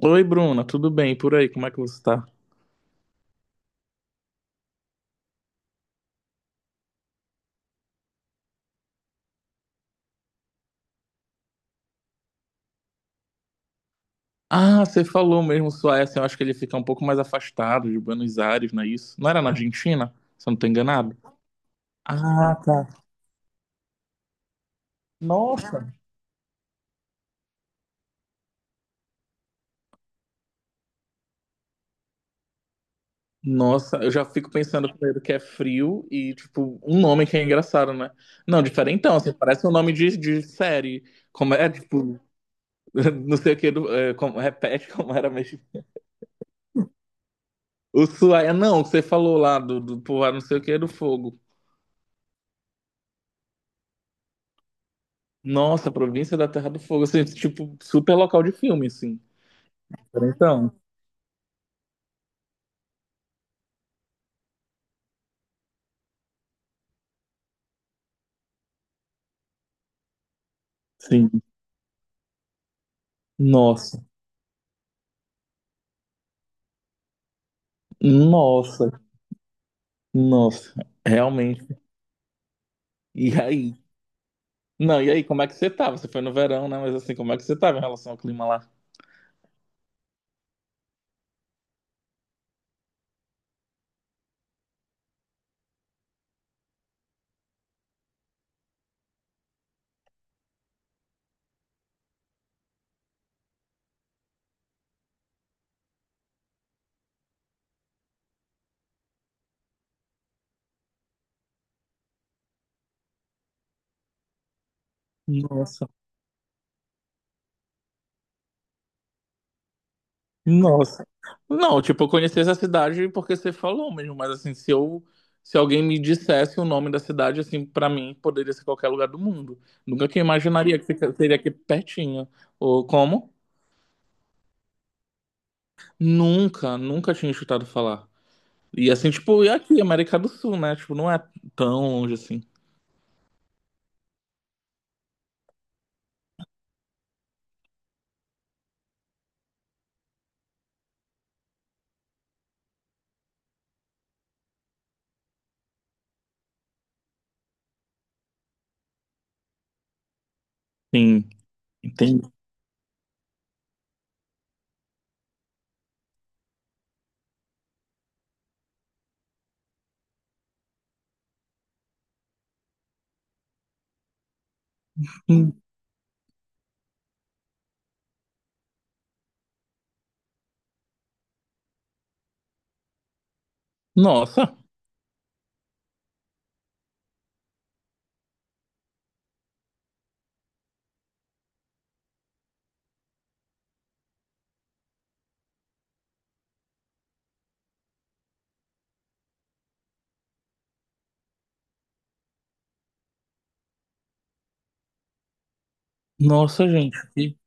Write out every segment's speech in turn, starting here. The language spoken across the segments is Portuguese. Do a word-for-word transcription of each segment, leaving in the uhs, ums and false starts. Oi, Bruna, tudo bem? E por aí, como é que você tá? Ah, você falou mesmo, Suécia. Eu acho que ele fica um pouco mais afastado de Buenos Aires, não é isso? Não era na Argentina? Se eu não tô enganado. Ah, tá. Nossa. Nossa, eu já fico pensando primeiro que é frio e, tipo, um nome que é engraçado, né? Não, diferentão, assim, parece um nome de, de série. Como é, tipo, não sei o que, do, é, como, repete como era mesmo. O Suécia, não, o que você falou lá do, do povoado não sei o que é do fogo. Nossa, Província da Terra do Fogo, assim, tipo, super local de filme, assim. Então, sim. Nossa, nossa, nossa, realmente. E aí? Não, e aí, como é que você tá? Você foi no verão, né? Mas assim, como é que você tava em relação ao clima lá? Nossa, nossa. Não, tipo, eu conheci essa cidade porque você falou mesmo, mas assim, se eu, se alguém me dissesse o nome da cidade, assim, pra mim, poderia ser qualquer lugar do mundo. Nunca que eu imaginaria que fica- seria aqui pertinho. Ou como? Nunca, nunca tinha escutado falar. E assim, tipo, e aqui, América do Sul, né? Tipo, não é tão longe assim. Sim, entendi. Nossa, nossa, gente. que-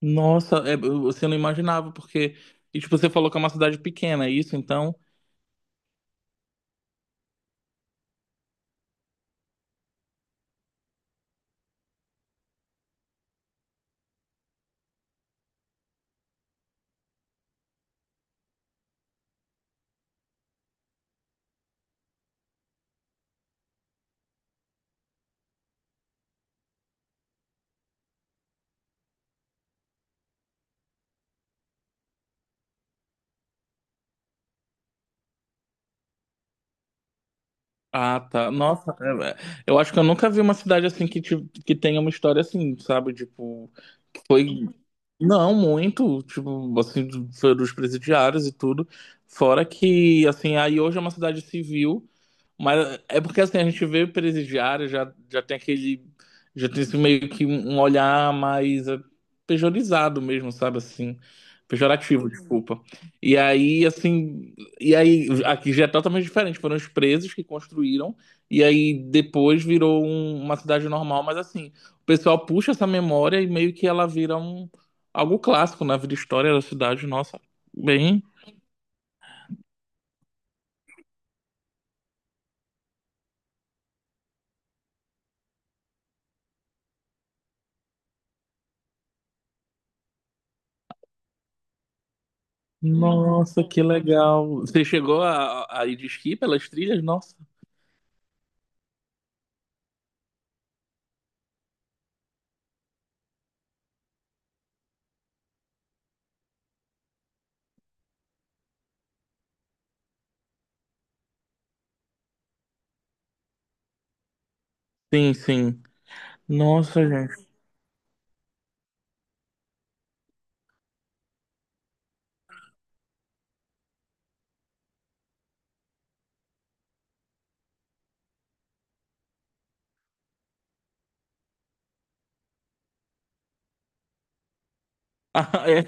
Nossa, é, eu- você não imaginava, porque. E, tipo, você falou que é uma cidade pequena, é isso? Então. Ah, tá. Nossa, é, é, eu acho que eu nunca vi uma cidade assim que, te- que tenha uma história assim, sabe? Tipo, que foi. Não, muito, tipo, assim, do- foi dos presidiários e tudo. Fora que, assim, aí hoje é uma cidade civil. Mas é porque assim, a gente vê o presidiário, já, já tem aquele. Já tem esse meio que um olhar mais eh, pejorizado mesmo, sabe? Assim. Pejorativo. Uhum. Desculpa. E aí, assim. E aí, aqui já é totalmente diferente. Foram os presos que construíram, e aí depois virou um- uma cidade normal, mas assim, o pessoal puxa essa memória e meio que ela vira um, algo clássico na vida e história da cidade, nossa. Bem Nossa, que legal. Você chegou a, a ir de esqui pelas trilhas? Nossa. Sim, sim. Nossa, gente. Ah, é.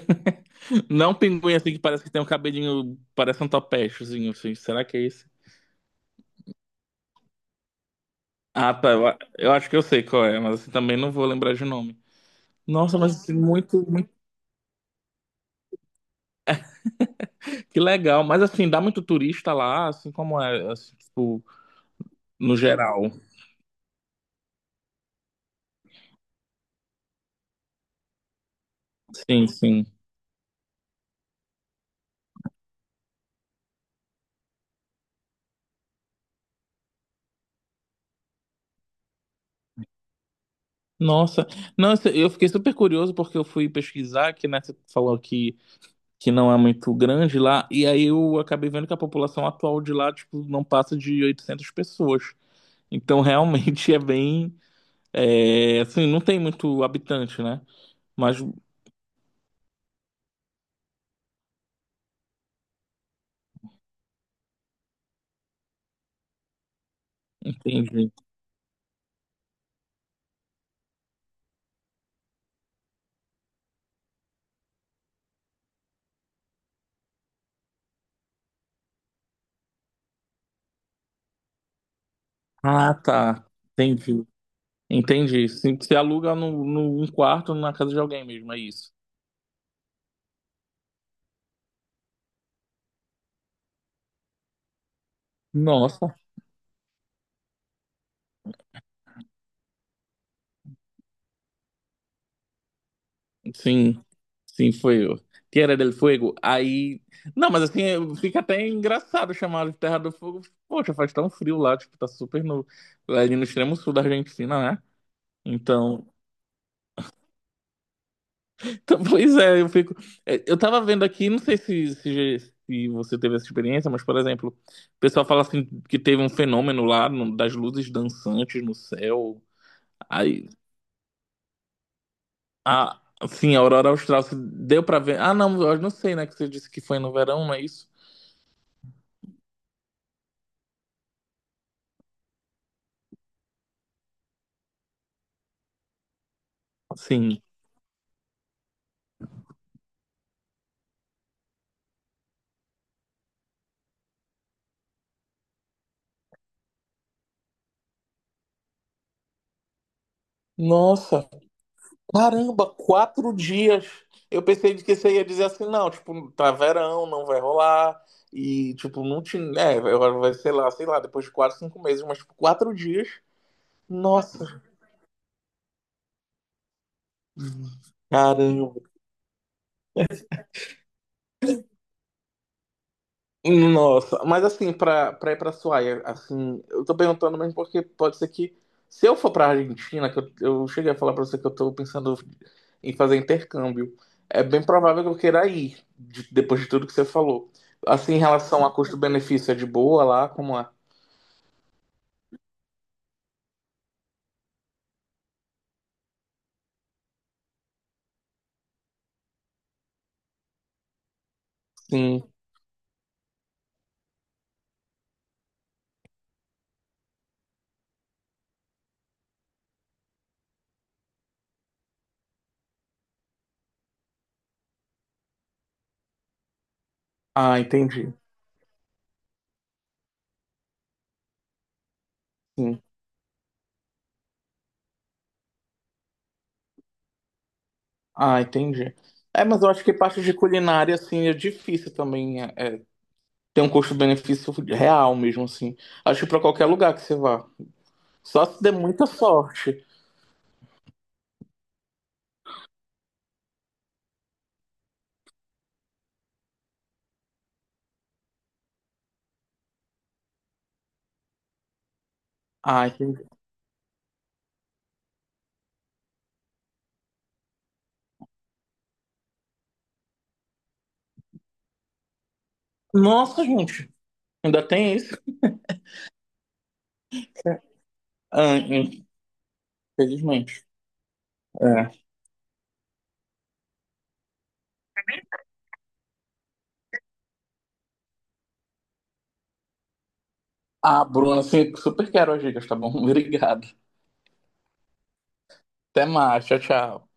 Não pinguim assim que parece que tem um cabelinho, parece um topechozinho, assim. Será que é esse? Ah, tá. Eu, a- eu acho que eu sei qual é, mas assim, também não vou lembrar de nome. Nossa, mas assim, muito, muito. Que legal. Mas assim, dá muito turista lá, assim como é, assim, tipo, no geral. Sim, sim. Nossa, não, eu fiquei super curioso porque eu fui pesquisar que, né, você falou que que não é muito grande lá, e aí eu acabei vendo que a população atual de lá, tipo, não passa de oitocentas pessoas. Então, realmente é bem, é, assim, não tem muito habitante, né? Mas, entendi. Ah, tá. Entendi. Entendi. Sim, você aluga num no, no- um quarto na casa de alguém mesmo, é isso. Nossa. Sim, sim, foi o Tierra del Fuego. Aí. Não, mas assim, é, fica até engraçado chamar de Terra do Fogo. Poxa, faz tão frio lá, tipo, tá super no. Ali no extremo sul da Argentina, né? Então. então pois é, eu fico. é, Eu tava vendo aqui, não sei se, se, se você teve essa experiência, mas, por exemplo, o pessoal fala assim que teve um fenômeno lá no- das luzes dançantes no céu. Aí. A, assim, a aurora austral, se deu pra ver. Ah, não, eu não sei, né? Que você disse que foi no verão, não é isso? Sim. Nossa, caramba, quatro dias. Eu pensei que você ia dizer assim, não, tipo, tá verão, não vai rolar. E, tipo, não te, né, agora vai, sei lá, sei lá, depois de quatro, cinco meses, mas, tipo, quatro dias. Nossa, caramba. Nossa, mas assim, pra, pra ir pra Suaia, assim, eu tô perguntando mesmo porque pode ser que, se eu for pra Argentina, que eu, eu cheguei a falar pra você que eu tô pensando em fazer intercâmbio, é bem provável que eu queira ir, de- depois de tudo que você falou. Assim, em relação a custo-benefício, é de boa lá? Como é? Sim. Ah, entendi. Sim. Ah, entendi. É, mas eu acho que parte de culinária, assim, é difícil também, é, é, ter um custo-benefício real mesmo, assim. Acho que pra qualquer lugar que você vá. Só se der muita sorte. Ai, que- nossa, gente. Ainda tem isso. É. Ah, infelizmente. É. Ah, Bruna, assim, super quero as dicas, tá bom? Obrigado. Até mais. Tchau, tchau.